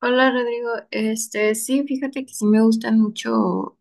Hola Rodrigo, sí, fíjate que sí me gustan mucho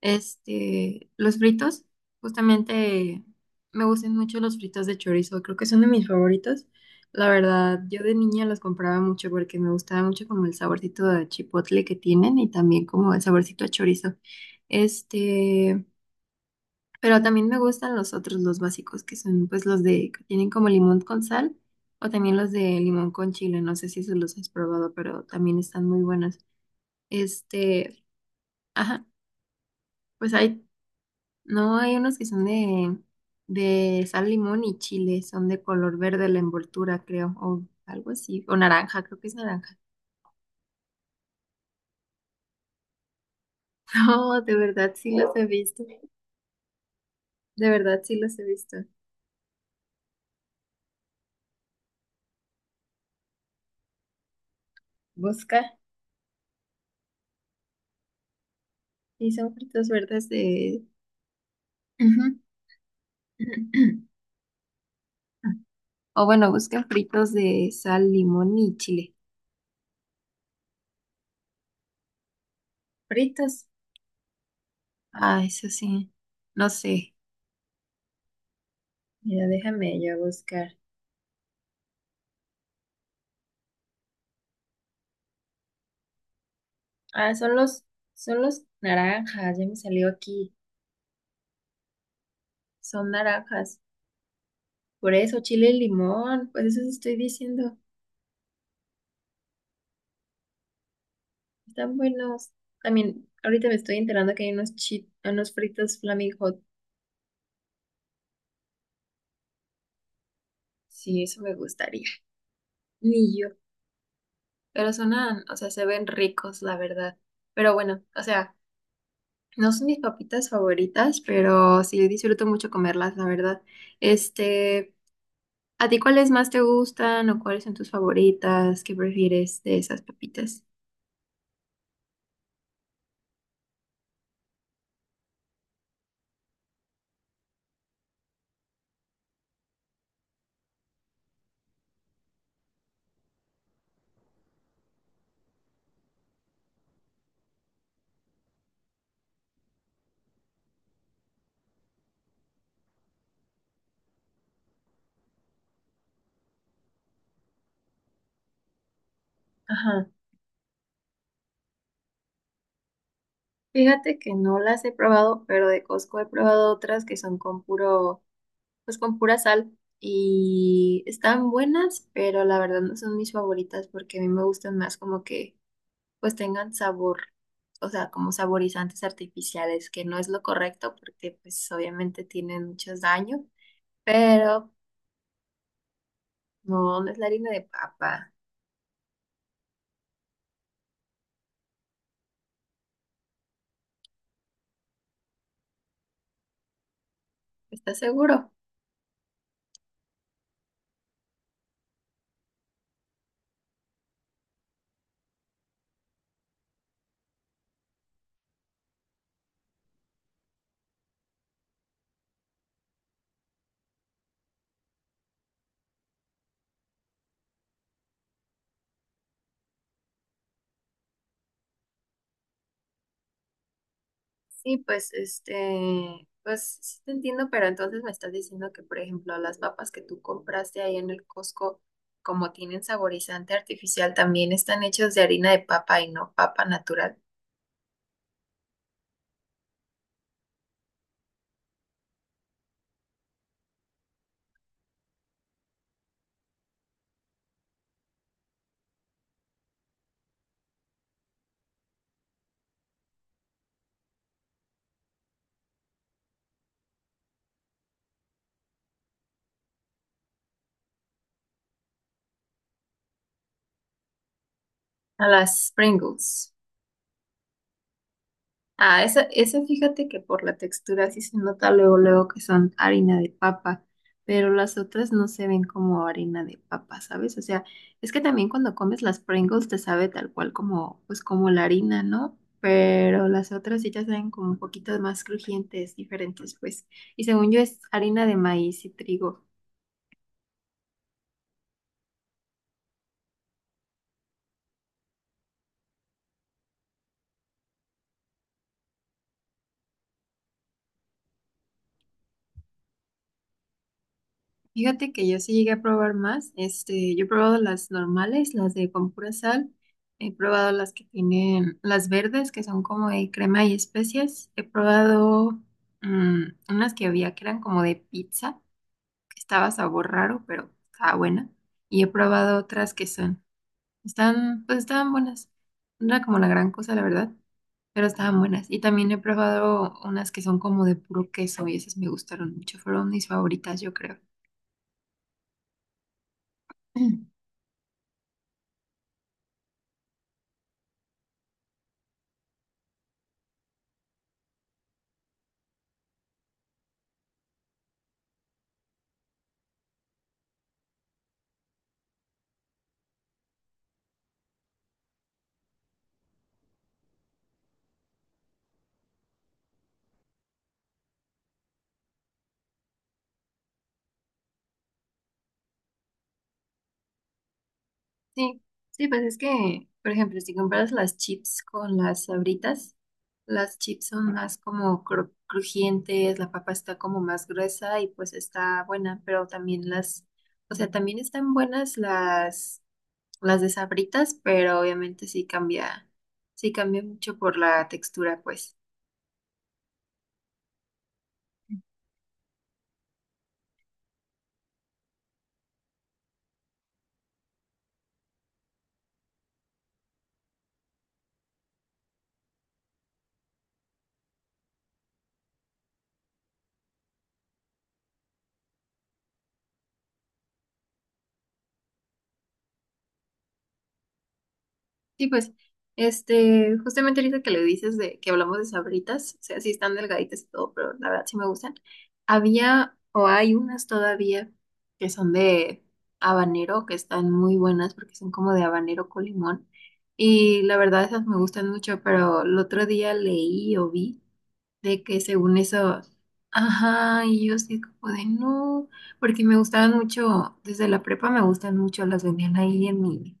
los fritos, justamente me gustan mucho los fritos de chorizo, creo que son de mis favoritos. La verdad, yo de niña los compraba mucho porque me gustaba mucho como el saborcito de chipotle que tienen y también como el saborcito a chorizo. Este, pero también me gustan los otros, los básicos, que son pues los de que tienen como limón con sal o también los de limón con chile, no sé si se los has probado, pero también están muy buenos. Este, ajá, pues hay, no hay unos que son de sal, limón y chile, son de color verde la envoltura, creo, o algo así, o naranja, creo que es naranja. No, de verdad sí los he visto, de verdad sí los he visto. Busca, y son fritos verdes de... Ujú. O bueno, busca fritos de sal, limón y chile. Fritos. Ah, eso sí, no sé. Mira, déjame yo buscar. Ah, son los, son los naranjas, ya me salió aquí. Son naranjas. Por eso, chile y limón, pues eso sí estoy diciendo. Están buenos. También, ahorita me estoy enterando que hay unos fritos Flaming Hot. Sí, eso me gustaría. Ni yo. Pero sonan, o sea, se ven ricos, la verdad. Pero bueno, o sea, no son mis papitas favoritas, pero sí disfruto mucho comerlas, la verdad. Este. ¿A ti cuáles más te gustan o cuáles son tus favoritas? ¿Qué prefieres de esas papitas? Ajá. Fíjate que no las he probado, pero de Costco he probado otras que son con puro, pues con pura sal y están buenas, pero la verdad no son mis favoritas porque a mí me gustan más como que pues tengan sabor, o sea, como saborizantes artificiales, que no es lo correcto porque pues obviamente tienen muchos daños, pero no, no es la harina de papa, ¿estás seguro? Sí, pues sí te entiendo, pero entonces me estás diciendo que, por ejemplo, las papas que tú compraste ahí en el Costco, como tienen saborizante artificial, también están hechas de harina de papa y no papa natural. A las Pringles. Esa fíjate que por la textura sí se nota luego, luego que son harina de papa, pero las otras no se ven como harina de papa, ¿sabes? O sea, es que también cuando comes las Pringles te sabe tal cual como, pues como la harina, ¿no? Pero las otras sí ya saben como un poquito más crujientes, diferentes, pues. Y según yo es harina de maíz y trigo. Fíjate que yo sí llegué a probar más. Yo he probado las normales, las de con pura sal. He probado las que tienen las verdes, que son como de crema y especias. He probado mm, unas que había que eran como de pizza, que estaba sabor raro, pero estaba buena. Y he probado están, pues estaban buenas. No era como la gran cosa, la verdad, pero estaban buenas. Y también he probado unas que son como de puro queso y esas me gustaron mucho. Fueron mis favoritas, yo creo. Sí, sí, pues es que, por ejemplo, si compras las chips con las Sabritas, las chips son más como crujientes, la papa está como más gruesa y pues está buena, o sea, también están buenas las de Sabritas, pero obviamente sí cambia mucho por la textura, pues. Sí, pues, justamente ahorita que le dices de que hablamos de sabritas, o sea, sí están delgaditas y todo, pero la verdad sí me gustan. Había o hay unas todavía que son de habanero, que están muy buenas porque son como de habanero con limón. Y la verdad esas me gustan mucho, pero el otro día leí o vi de que según eso, ajá, y yo sí como de no, porque me gustaban mucho, desde la prepa me gustan mucho, las vendían ahí en mi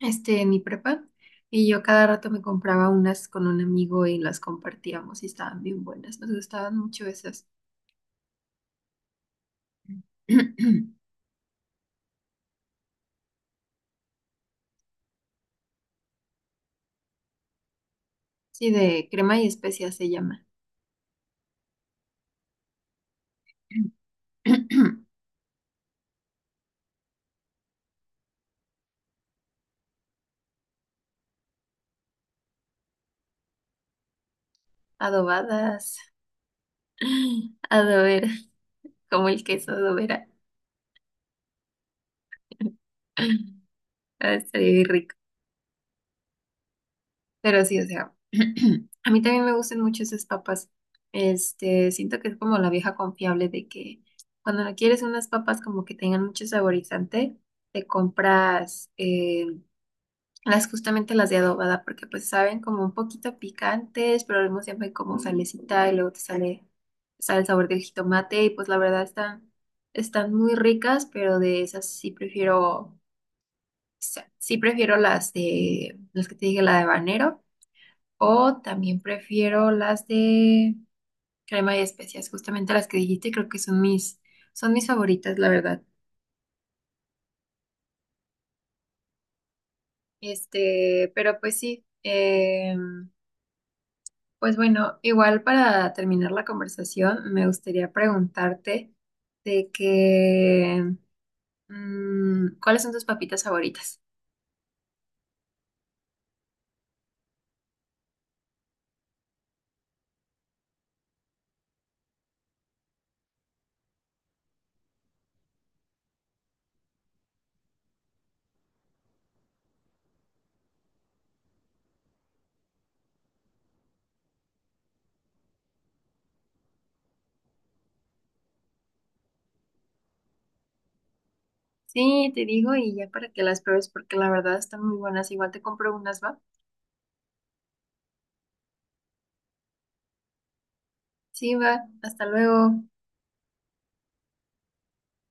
en mi prepa. Y yo cada rato me compraba unas con un amigo y las compartíamos y estaban bien buenas. Nos gustaban mucho esas. Sí, de crema y especias se llama. Adobadas. Adobera, como el queso adobera. Así pero sí, o sea, a mí también me gustan mucho esas papas. Siento que es como la vieja confiable de que cuando no quieres unas papas como que tengan mucho saborizante, te compras las justamente las de adobada, porque pues saben como un poquito picantes, pero al mismo tiempo hay como salecita y luego sale el sabor del jitomate y pues la verdad están muy ricas, pero de esas sí prefiero las que te dije, la de habanero o también prefiero las de crema y especias, justamente las que dijiste, creo que son mis favoritas, la verdad. Pero pues sí, pues bueno, igual para terminar la conversación, me gustaría preguntarte de que, ¿cuáles son tus papitas favoritas? Sí, te digo y ya para que las pruebes, porque la verdad están muy buenas. Igual te compro unas, ¿va? Sí, va, hasta luego.